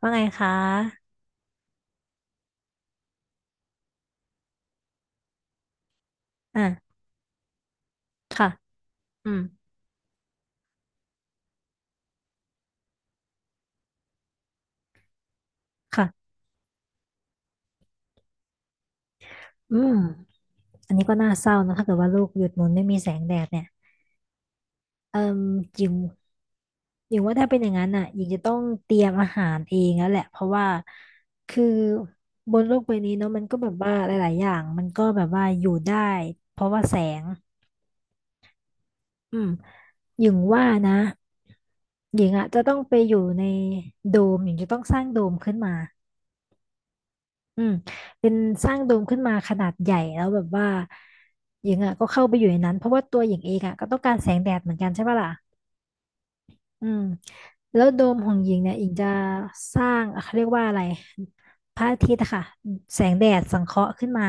ว่าไงคะอ่าค่ะอืมค่ะอืมอันนี้ก็น่าเศร้านะถ้าเกิดว่าลูกหยุดหมุนไม่มีแสงแดดเนี่ยเอิ่มหญิงหญิงว่าถ้าเป็นอย่างนั้นอ่ะหญิงจะต้องเตรียมอาหารเองแล้วแหละเพราะว่าคือบนโลกใบนี้เนาะมันก็แบบว่าหลายๆอย่างมันก็แบบว่าอยู่ได้ เพราะว่าแสงอืมหญิงว่านะหญิงอ่ะจะต้องไปอยู่ในโดมหญิงจะต้องสร้างโดมขึ้นมา อืมเป็นสร้างโดมขึ้นมาขนาดใหญ่แล้วแบบว่าหญิงอ่ะก็เข้าไปอยู่ในนั้นเพราะว่าตัวหญิงเองอ่ะก็ต้องการแสงแดดเหมือนกันใช่ปะล่ะอืมแล้วโดมของหญิงเนี่ยหญิงจะสร้างอ่ะเขาเรียกว่าอะไรพระอาทิตย์อะค่ะ แสงแดดสังเคราะห์ขึ้นมา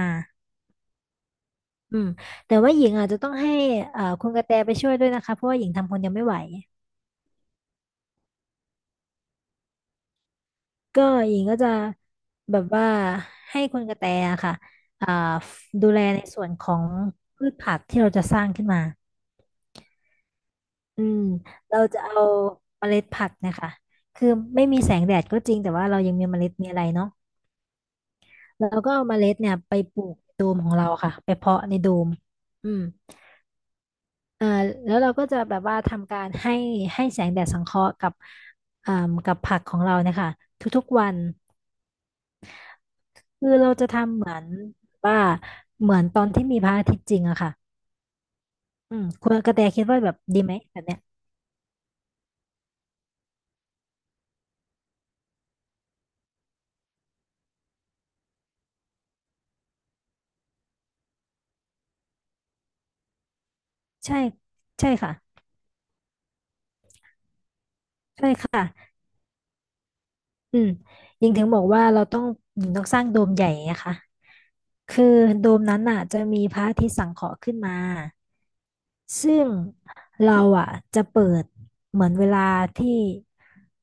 อืมแต่ว่าหญิงอาจจะต้องให้คุณกระแตไปช่วยด้วยนะคะเพราะว่าหญิงทำคนเดียวไม่ไหวก็หญิงก็จะแบบว่าให้คุณกระแตอะค่ะอ่าดูแลในส่วนของพืชผักที่เราจะสร้างขึ้นมา อืมเราจะเอาเมล็ดผักเนะคะคือไม่มีแสงแดดก็จริงแต่ว่าเรายังมีเมล็ดมีอะไรเนาะเราก็เอาเมล็ดเนี่ยไปปลูกในโดมของเราค่ะไปเพาะในโดมอืมเอ่อแล้วเราก็จะแบบว่าทำการให้แสงแดดสังเคราะห์กับอ่ากับผักของเราเนะคะทุกๆวันคือเราจะทำเหมือนว่าเหมือนตอนที่มีพระอาทิตย์จริงอะค่ะอืมคุณกระแตคิดว่าแบบดีไหมแบบเนี้ยใช่ใช่ค่ะ อืมยิงถึงบอกว่าเราต้องยิงต้องสร้างโดมใหญ่นะคะคือโดมนั้นน่ะจะมีพระอาทิตย์สังเคราะห์ขึ้นมาซึ่งเราอ่ะจะเปิดเหมือนเวลาที่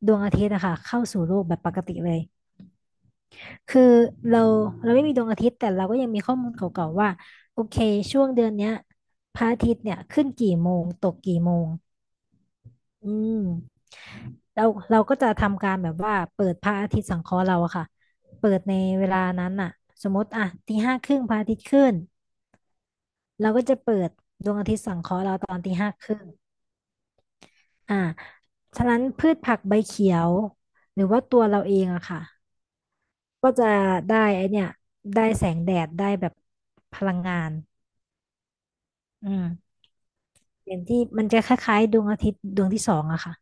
ดวงอาทิตย์นะคะเข้าสู่โลกแบบปกติเลยคือเราเราไม่มีดวงอาทิตย์แต่เราก็ยังมีข้อมูลเก่าๆว่าโอเคช่วงเดือนเนี้ยพระอาทิตย์เนี่ยขึ้นกี่โมงตกกี่โมง อืมเราเราก็จะทำการแบบว่าเปิดพระอาทิตย์สังเคราะห์เราอะค่ะเปิดในเวลานั้นน่ะสมมติอ่ะตีห้าครึ่งพระอาทิตย์ขึ้นเราก็จะเปิดอ่าฉะนั้นพืชผักใบเขียวหรือว่าตัวเราเองอะค่ะก็จะได้ไอเนี่ยได้แสงแดดได้แบบพลังงานอืมอย่างที่มันจะคล้ายๆดวงอาทิตย์ดวงที่สองอะค่ะ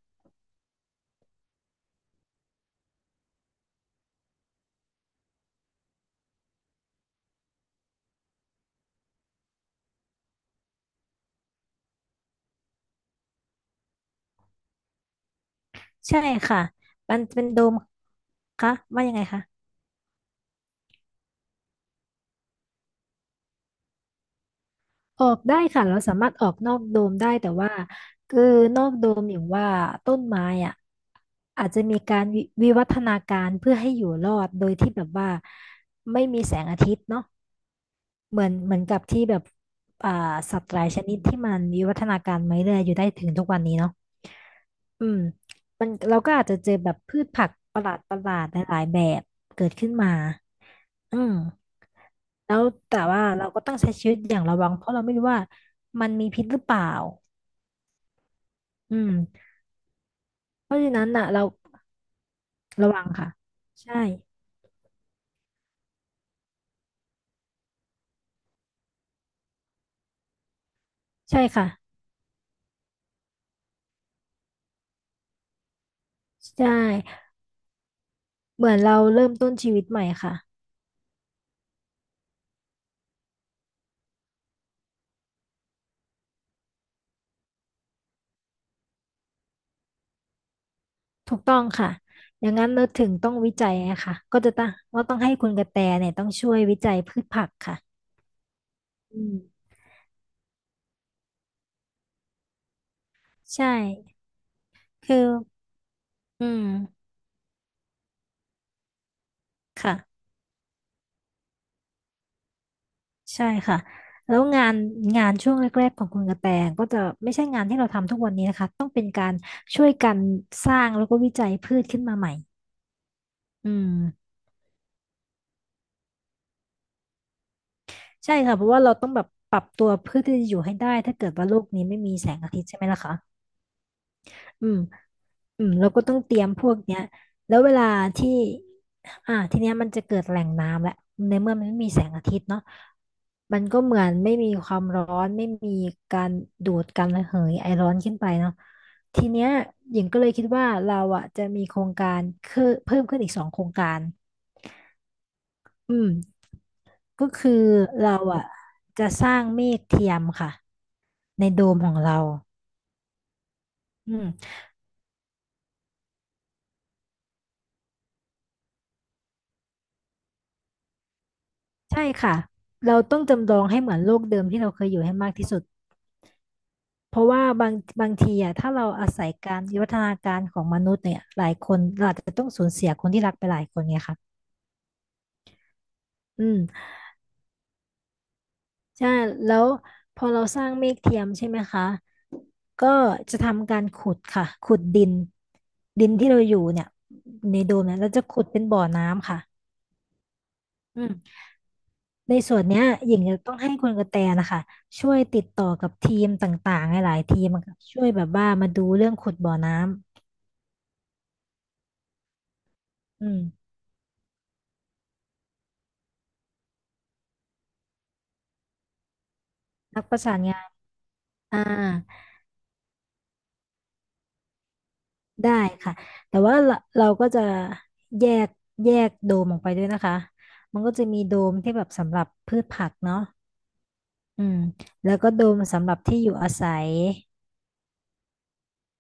ใช่ค่ะมันเป็นโดมคะว่ายังไงคะ ออกได้ค่ะเราสามารถออกนอกโดมได้แต่ว่าคือนอกโดมอย่างว่าต้นไม้อ่ะอาจจะมีการวิวิวัฒนาการเพื่อให้อยู่รอดโดยที่แบบว่าไม่มีแสงอาทิตย์เนาะเหมือนเหมือนกับที่แบบอ่าสัตว์หลายชนิดที่มันอยู่นี่เนาะอืมมันเราก็อาจจะเจอแบบพืชผักประหลาดประหลาดหลายๆแบบเกิดขึ้นมาอืมแล้วแต่ว่าเราก็ต้องใช้ชีวิตอย่างระวังเพราะเราไม่รู้ว่ามันมีพิษหรือเปล่าอืมเพราะฉะนั้นอ่ะเรา ระวังค่ะใช่ใช่ค่ะใช่เหมือนเราเริ่มต้นชีวิตใหม่ค่ะถูกต้องค่ะอย่างนั้นเราถึงต้องวิจัยอะค่ะก็จะต้องว่าต้องให้คุณกระแตเนี่ยต้องช่วยวิจัยพืชผักค่ะอืมใช่คืออืมค่ะใช่ค่ะแล้วงานช่วงแรกๆของคุณกระแตก็จะไม่ใช่งานที่เราทำทุกวันนี้นะคะต้องเป็นการช่วยกันสร้างแล้วก็วิจัยพืชขึ้นมาใหม่อืม ใช่ค่ะเพราะว่าเราต้องแบบปรับตัวเพื่อที่จะอยู่ให้ได้ถ้าเกิดว่าโลกนี้ไม่มีแสงอาทิตย์ใช่ไหมล่ะคะอืมอืมเราก็ต้องเตรียมพวกเนี้ยแล้วเวลาที่ทีเนี้ยมันจะเกิดแหล่งน้ำแหละในเมื่อมันไม่มีแสงอาทิตย์เนาะมันก็เหมือนไม่มีความร้อนไม่มีการดูดการระเหยไอร้อนขึ้นไปเนาะทีเนี้ยหญิงก็เลยคิดว่าเราอ่ะจะมีโครงการคือเพิ่มขึ้นอีกสองโครงการอืมก็คือเราอ่ะจะสร้างเมฆเทียมค่ะ ในโดมของเราอืมใช่ค่ะ เราต้องจำลองให้เหมือนโลกเดิมที่เราเคยอยู่ให้มากที่สุด เพราะว่าบางทีอ่ะถ้าเราอาศัยการวิวัฒนาการของมนุษย์เนี่ยหลายคนเราอาจจะต้องสูญเสียคนที่รักไปหลายคนไงค่ะอืมใช่แล้วพอเราสร้างเมฆเทียมใช่ไหมคะก็จะทำการขุดค่ะ ขุดดินที่เราอยู่เนี่ยในโดมเนี่ยเราจะขุดเป็นบ่อน้ำค่ะอืม ในส่วนเนี้ยหญิงจะต้องให้คุณกระแตนะคะช่วยติดต่อกับทีมต่างๆหลายๆทีมอะค่ะช่วยแบบว่ามาดูเรื่องขุดบ่อน้ำอืมนักประสานงานอ่าได้ค่ะแต่ว่าเราก็จะแยกแยกโดมออกไปด้วยนะคะมันก็จะมีโดมที่แบบสำหรับพืชผักเนาะอืมแล้วก็โดมสำหรับที่อยู่อาศัย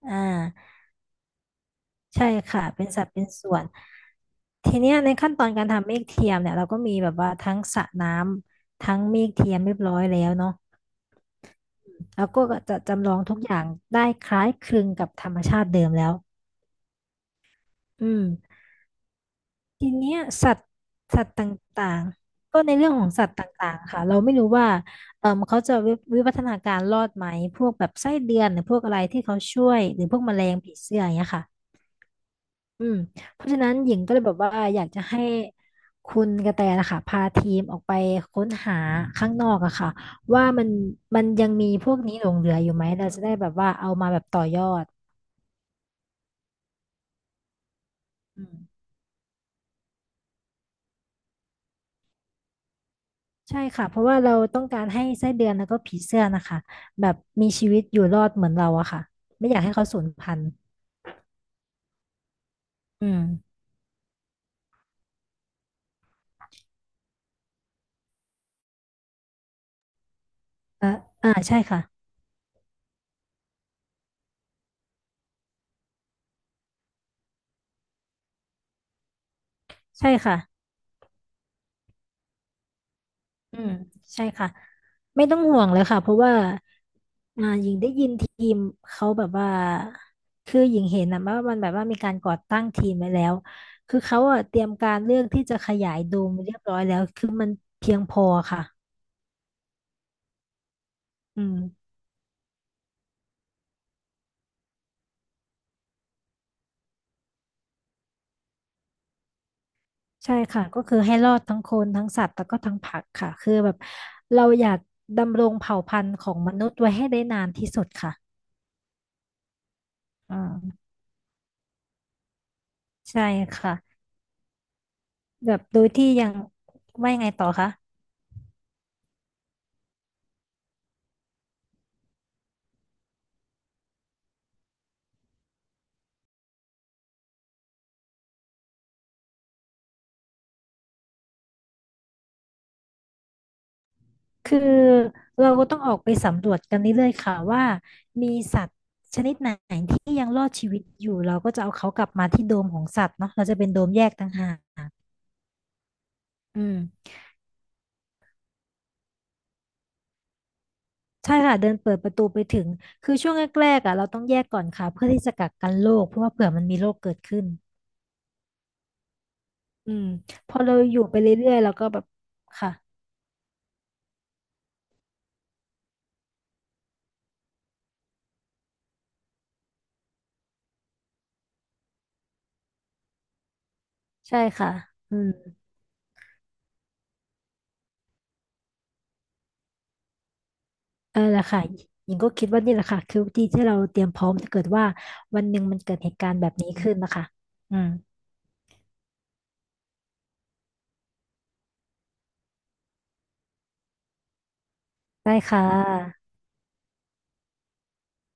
อ่า ใช่ค่ะเป็นสัดเป็นส่วนทีเนี้ยในขั้นตอนการทำเมฆเทียมเนี่ยเราก็มีแบบว่าทั้งสระน้ำทั้งเมฆเทียมเรียบร้อยแล้วเนาะแล้วก็จะจำลองทุกอย่างได้คล้ายคลึงกับธรรมชาติเดิมแล้วอืมทีเนี้ยสัตว์ต่างๆก็ในเรื่องของสัตว์ต่างๆค่ะเราไม่รู้ว่าเขาจะวิวัฒนาการรอดไหมพวกแบบไส้เดือนหรือพวกอะไรที่เขาช่วยหรือพวกแมลงผีเสื้ออย่างเงี้ยค่ะ อืมเพราะฉะนั้นหญิงก็เลยแบบว่าอยากจะให้คุณกระแตนะคะพาทีมออกไปค้นหาข้างนอกอะค่ะว่ามันยังมีพวกนี้หลงเหลืออยู่ไหมเราจะได้แบบว่าเอามาแบบต่อยอดอืมใช่ค่ะเพราะว่าเราต้องการให้ไส้เดือนแล้วก็ผีเสื้อนะคะแบบมีชีวิตอยู่รอดเหมือนเราอะค่ะไม่อยากให้เขาสูญพันธุ์อืมอ่าอ่าใช่ค่ะใช่ค่ะอืมใช่ค่ะ ไม่ต้องห่วงเลยค่ะเพราะว่าหญิงได้ยินทีมเขาแบบว่าคือหญิงเห็นนะว่ามันแบบว่ามีการก่อตั้งทีมไว้แล้วคือเขาอ่ะเตรียมการเรื่องที่จะขยายโดมเรียบร้อยแล้วคือมันเพียงพอค่ะอืมใช่ค่ะก็คือให้รอดทั้งคนทั้งสัตว์แล้วก็ทั้งผักค่ะคือแบบเราอยากดำรงเผ่าพันธุ์ของมนุษย์ไว้ให้ได้นานที่สุดค่ะอืมใช่ค่ะแบบโดยที่ยังว่ายังไงต่อคะ คือเราก็ต้องออกไปสำรวจกันเรื่อยๆค่ะว่ามีสัตว์ชนิดไหนที่ยังรอดชีวิตอยู่เราก็จะเอาเขากลับมาที่โดมของสัตว์เนาะเราจะเป็นโดมแยกต่างหากอืมใช่ค่ะเดินเปิดประตูไปถึงคือช่วงแรกๆอ่ะเราต้องแยกก่อนค่ะเพื่อที่จะกักกันโรคเพราะว่าเผื่อมันมีโรคเกิดขึ้นอืมพอเราอยู่ไปเรื่อยๆเราก็แบบค่ะใช่ค่ะอืมเออแหละค่ะหญิงก็คิดว่านี่แหละค่ะคือวิธีที่เราเตรียมพร้อมถ้าเกิดว่าวันหนึ่งมันเกิดเหตุการณ์แบบนี้ขึ้นนะคะอืม ได้ค่ะ